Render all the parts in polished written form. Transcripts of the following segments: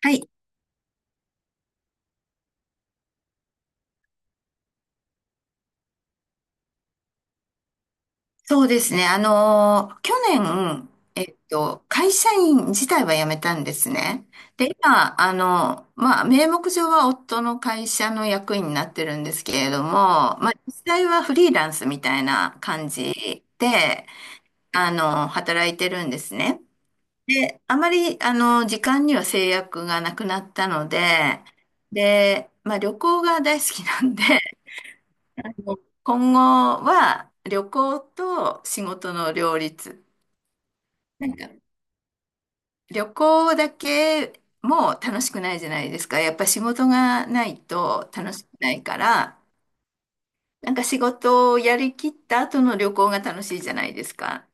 はい、そうですね。去年、会社員自体は辞めたんですね。で、今、まあ、名目上は夫の会社の役員になってるんですけれども、まあ、実際はフリーランスみたいな感じで、働いてるんですね。で、あまり、時間には制約がなくなったので、で、まあ、旅行が大好きなんで、今後は旅行と仕事の両立。なんか旅行だけも楽しくないじゃないですか。やっぱ仕事がないと楽しくないから、なんか仕事をやりきった後の旅行が楽しいじゃないですか。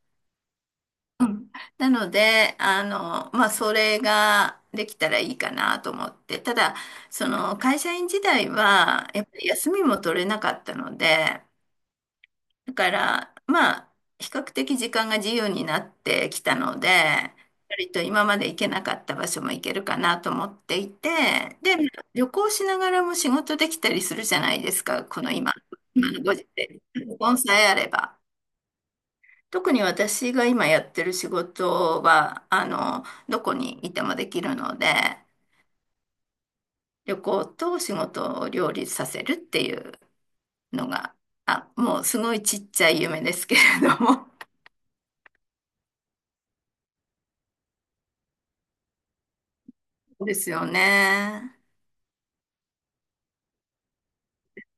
なので、まあ、それができたらいいかなと思って。ただ、その会社員時代は、やっぱり休みも取れなかったので、だから、まあ、比較的時間が自由になってきたので、割と今まで行けなかった場所も行けるかなと思っていて、で、旅行しながらも仕事できたりするじゃないですか、この今、今のご時世。コンさえあれば。特に私が今やってる仕事は、どこにいてもできるので、旅行と仕事を両立させるっていうのが、あ、もうすごいちっちゃい夢ですけれども、ですよね。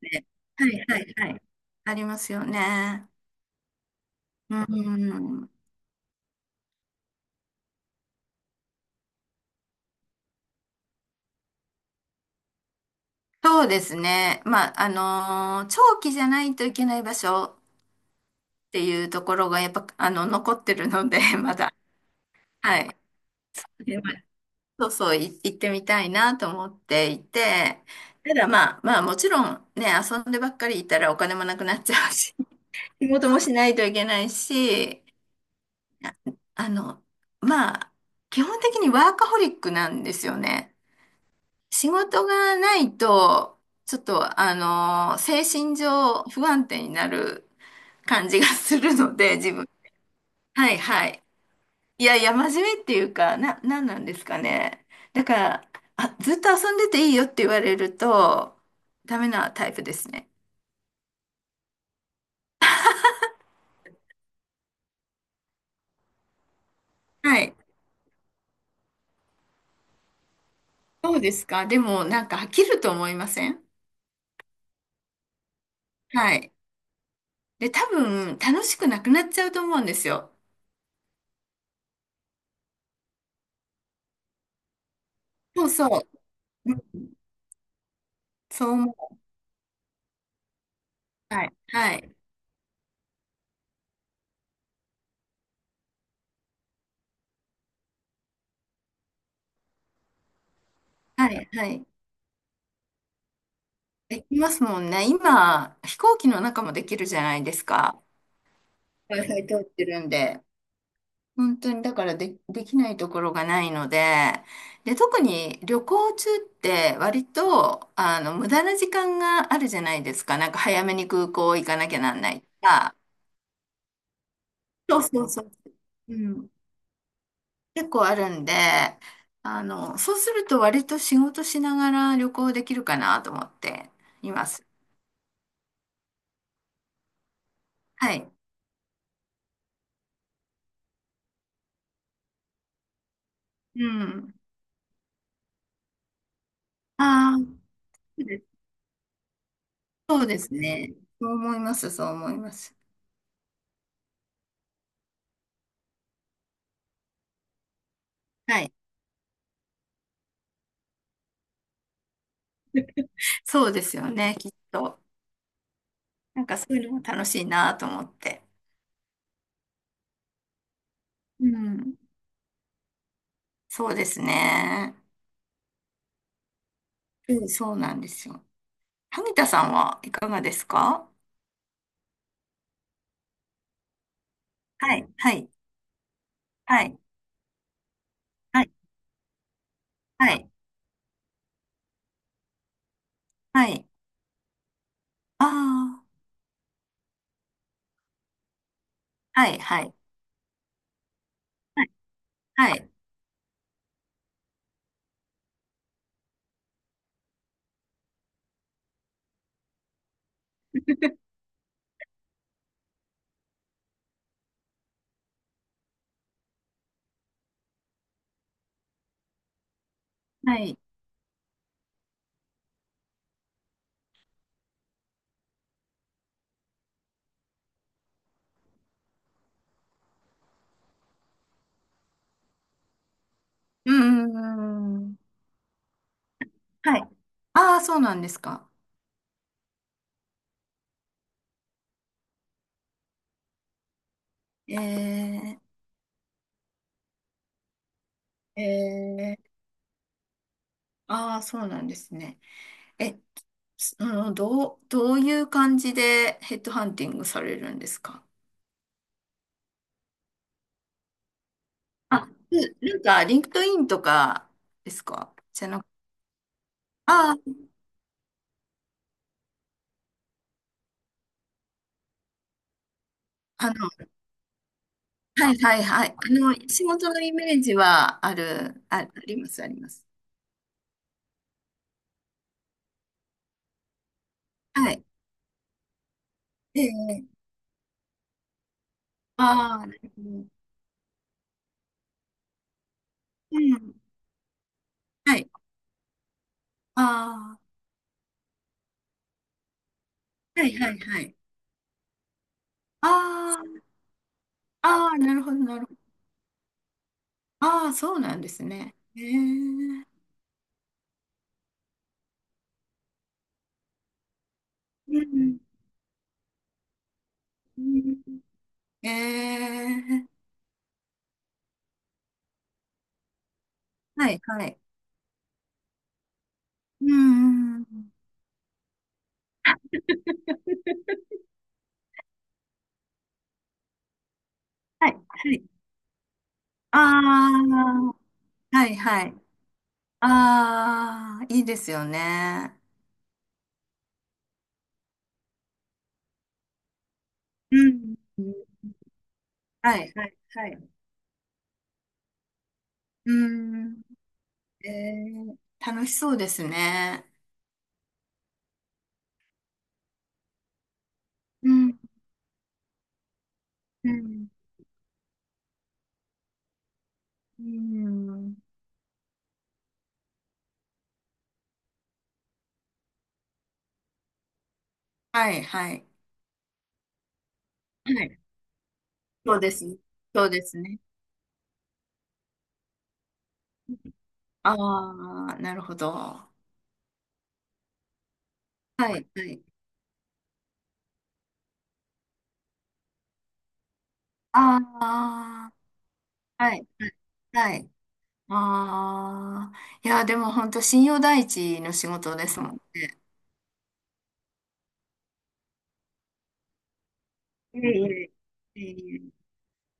ね。はいはいはい。ありますよね。うん。そうですね。まあ、長期じゃないといけない場所っていうところがやっぱ、残ってるので、まだ。はい。で、まあ、そうそう、行ってみたいなと思っていて、ただまあ、まあもちろんね、遊んでばっかりいたらお金もなくなっちゃうし、仕事もしないといけないし、ああの、まあ、基本的にワーカホリックなんですよね。仕事がないと、ちょっと、精神上不安定になる感じがするので、自分。はいはい。いやいや、真面目っていうか、なんなんですかね。だから、あ、ずっと遊んでていいよって言われると、ダメなタイプですね。はい。そうですか。でも、なんか飽きると思いません？はい。で、多分、楽しくなくなっちゃうと思うんですよ。そうそう。うん。そう思う。はい。はい。はい。はい。できますもんね。今、飛行機の中もできるじゃないですか。Wi-Fi 通ってるんで。本当にだから、で、できないところがないので、で、特に旅行中って割と、無駄な時間があるじゃないですか。なんか早めに空港行かなきゃなんないとか。そうそうそう。うん。結構あるんで、そうすると割と仕事しながら旅行できるかなと思っていいます。はい。うん。ああ、そうですね。そう思います、そう思います。はい。そうですよね、きっと。なんかそういうのも楽しいなと思って。うん。そうですね。うん、そうなんですよ。萩田さんはいかがですか？はい、はい、はい、はい、はい、はい。ああ、はい、はい、はい、はい。はい。うん、ん、はい。ああ、そうなんですか。えー、えー、ああ、そうなんですね。え、つのどう、どういう感じでヘッドハンティングされるんですか？あ、うん。なんか、リンクトインとかですか？じゃなく、ああ、はいはいはい。仕事のイメージはある、あ、あります、あります。はい。ええ、ああ、なるほど。うん。はい。ああ、はいはいはい。ああ、ああ、なるほど、なるほど。ああ、そうなんですね。ええ。うん。ええ、はいはい。うん。はい、はい。ああ、はい、はい。ああ、いいですよね。うん。はい、はい、はい。うん。えー、楽しそうですね。うん、うん、うん。はい、はい。はい。そうです。そうですね。ああ、なるほど。はい、はい。ああ、はい、はい。はい。ああ、いや、でも本当信用第一の仕事ですもんね。いえいえ、いえいえ。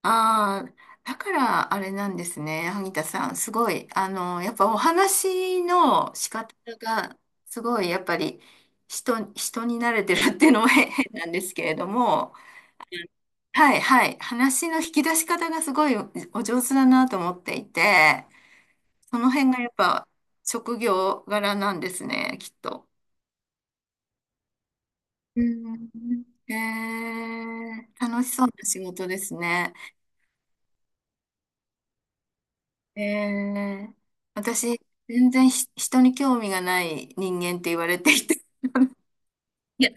ああ、だからあれなんですね、萩田さん。すごい、やっぱお話の仕方が、すごい、やっぱり人に慣れてるっていうのも 変なんですけれども、はい、はい、話の引き出し方がすごい、お上手だなと思っていて、その辺がやっぱ職業柄なんですね、きっと。うん。へえ、楽しそうな仕事ですね。へえ、私、全然人に興味がない人間って言われていて、いや、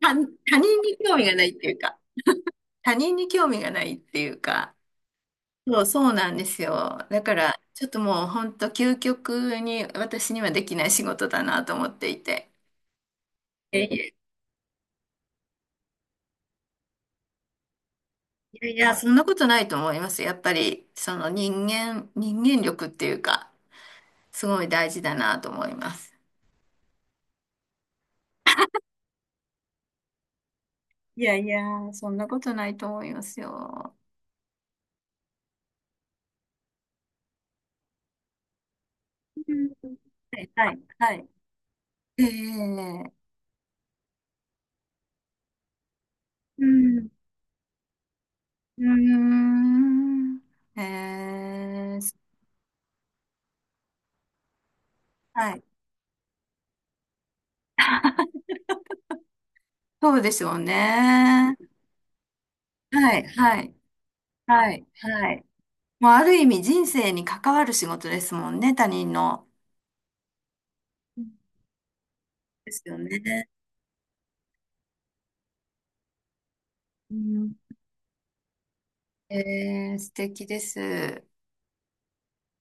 他、他人に興味がないっていうか、他人に興味がないっていうか、そうなんですよ。だから、ちょっともう本当究極に私にはできない仕事だなと思っていて。いやいや、いやそんなことないと思います。やっぱり、その人間力っていうか、すごい大事だなと思います。いやいや、そんなことないと思いますよ。うん。はい、はい、はい。ええ。うん。うーん。ええ。はい。そうでしょうね。はい、はい、はい、はい。もうある意味人生に関わる仕事ですもんね、他人の。うん。ですよね。うん。ええ、素敵です。